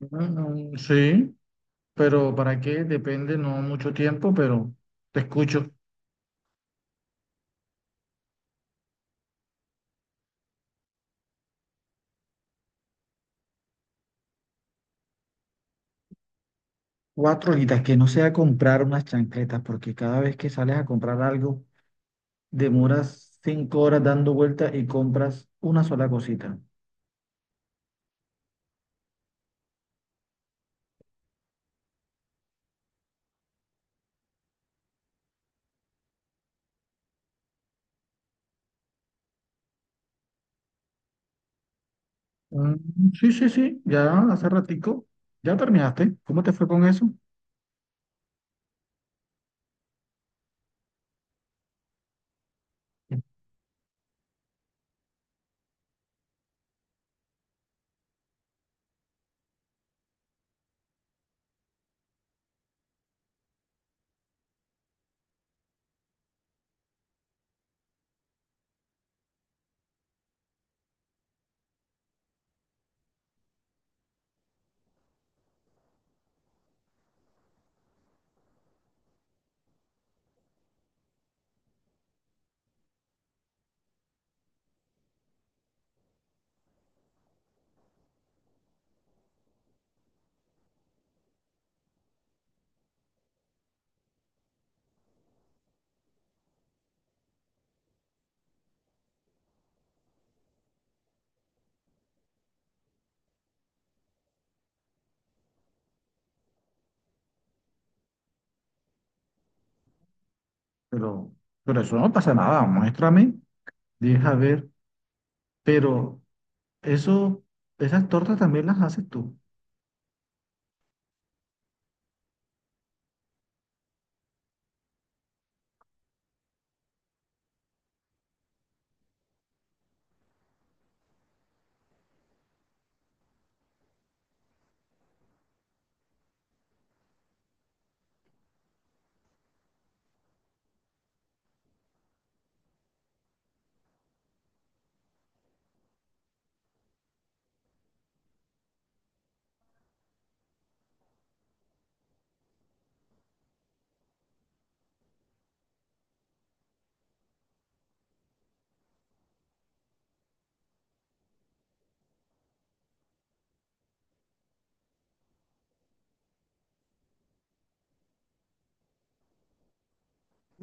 Mm, sí, pero ¿para qué? Depende, no mucho tiempo, pero te escucho. Cuatro horitas, que no sea comprar unas chancletas, porque cada vez que sales a comprar algo, demoras cinco horas dando vueltas y compras una sola cosita. Mm, sí, sí, sí, ya hace ratico, ya terminaste. ¿Cómo te fue con eso? Pero, pero eso no pasa nada, muéstrame, deja ver. Pero eso, esas tortas también las haces tú.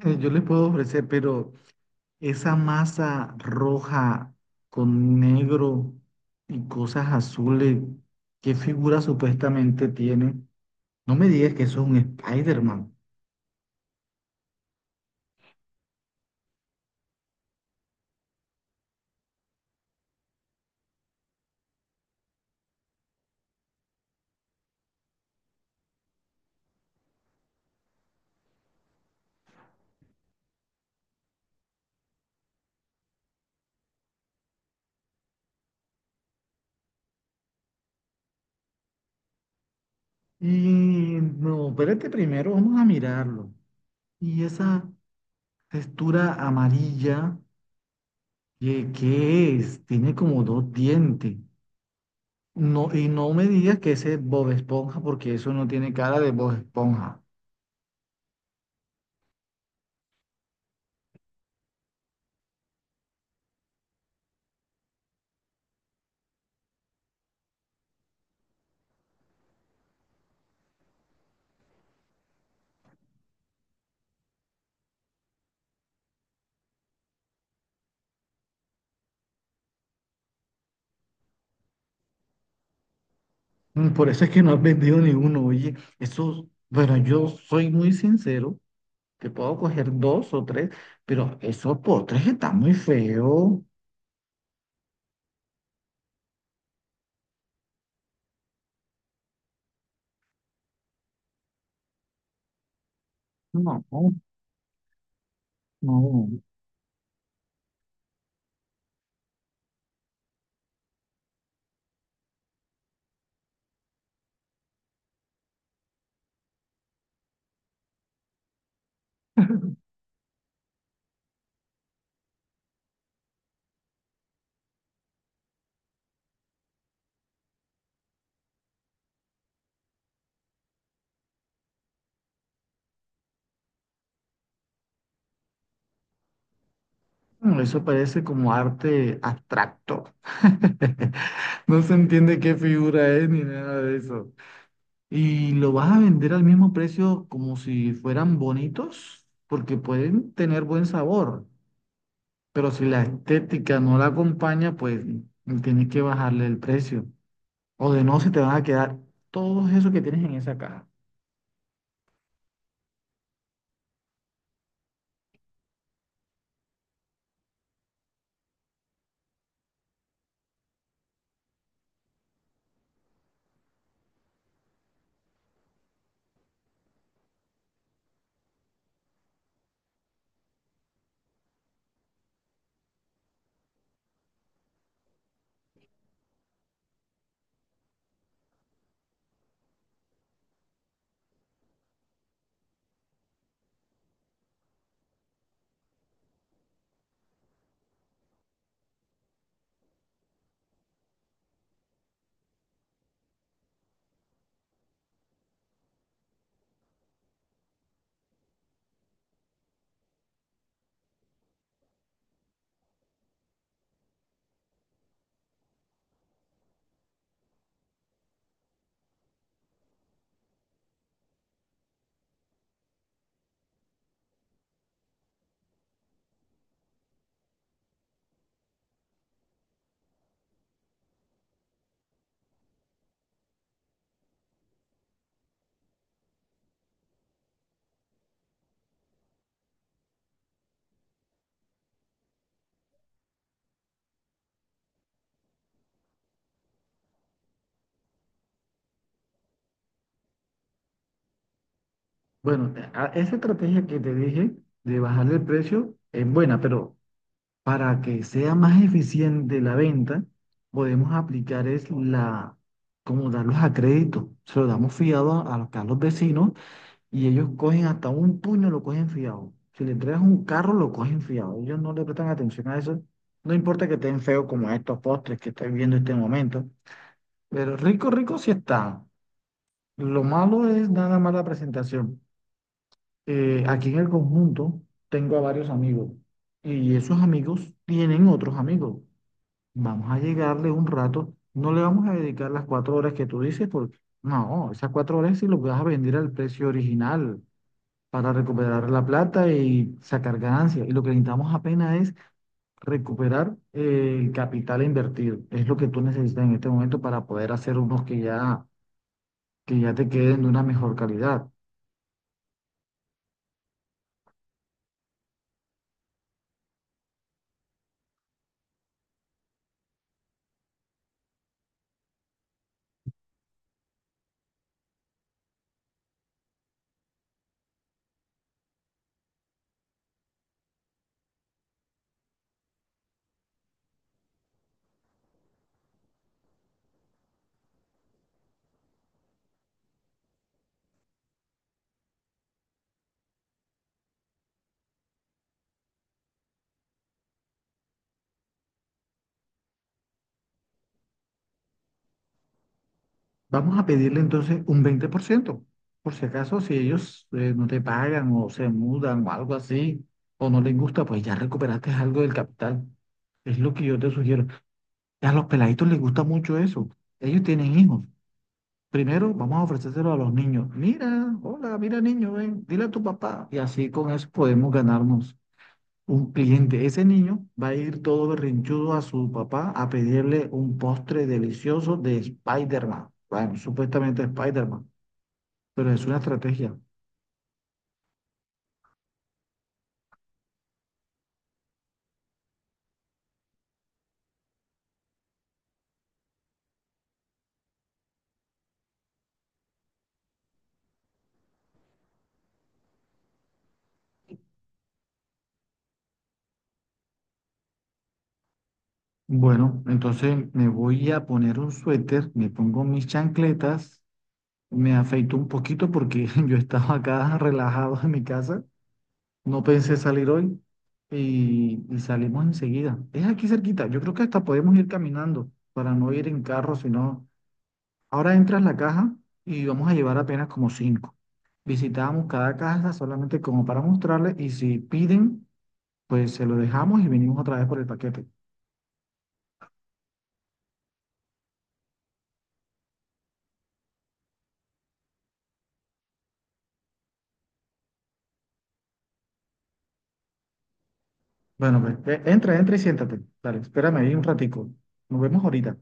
Yo les puedo ofrecer, pero esa masa roja con negro y cosas azules, ¿qué figura supuestamente tiene? No me digas que eso es un Spider-Man. Y no, espérate primero, vamos a mirarlo. Y esa textura amarilla, ¿qué, qué es? Tiene como dos dientes. No, y no me digas que ese es Bob Esponja, porque eso no tiene cara de Bob Esponja. Por eso es que no has vendido ni uno. Oye, esos, bueno, yo soy muy sincero, que puedo coger dos o tres, pero esos postres están muy feos. No, no. Mm, Eso parece como arte abstracto. No se entiende qué figura es ni nada de eso. ¿Y lo vas a vender al mismo precio como si fueran bonitos? Porque pueden tener buen sabor. Pero si la estética no la acompaña, pues tienes que bajarle el precio. O de no, se te van a quedar todo eso que tienes en esa caja. Bueno, esa estrategia que te dije de bajarle el precio es buena, pero para que sea más eficiente la venta, podemos aplicar es la, como darlos a crédito. Se lo damos fiado a los a los vecinos. Y ellos cogen hasta un puño, lo cogen fiado. Si le entregas un carro, lo cogen fiado. Ellos no le prestan atención a eso. No importa que estén feos como estos postres que estoy viendo en este momento, pero rico, rico sí están. Lo malo es nada más la presentación. Aquí en el conjunto tengo a varios amigos y esos amigos tienen otros amigos. Vamos a llegarle un rato. No le vamos a dedicar las cuatro horas que tú dices, porque no, esas cuatro horas sí lo vas a vender al precio original para recuperar la plata y sacar ganancias. Y lo que necesitamos apenas es recuperar el capital invertido. Es lo que tú necesitas en este momento para poder hacer unos que ya te queden de una mejor calidad. Vamos a pedirle entonces un 20%, por ciento, por si acaso si ellos no te pagan o se mudan o algo así, o no les gusta, pues ya recuperaste algo del capital. Es lo que yo te sugiero. A los peladitos les gusta mucho eso. Ellos tienen hijos. Primero vamos a ofrecérselo a los niños. Mira, hola, mira niño, ven, dile a tu papá. Y así con eso podemos ganarnos un cliente. Ese niño va a ir todo berrinchudo a su papá a pedirle un postre delicioso de Spider-Man. Bueno, supuestamente Spider-Man, pero es una estrategia. Bueno, entonces me voy a poner un suéter, me pongo mis chancletas, me afeito un poquito porque yo estaba acá relajado en mi casa. No pensé salir hoy y salimos enseguida. Es aquí cerquita. Yo creo que hasta podemos ir caminando para no ir en carro, sino ahora entras la caja y vamos a llevar apenas como cinco. Visitamos cada casa solamente como para mostrarles y si piden, pues se lo dejamos y venimos otra vez por el paquete. Bueno, pues entra, entra y siéntate. Dale, espérame ahí un ratico. Nos vemos ahorita.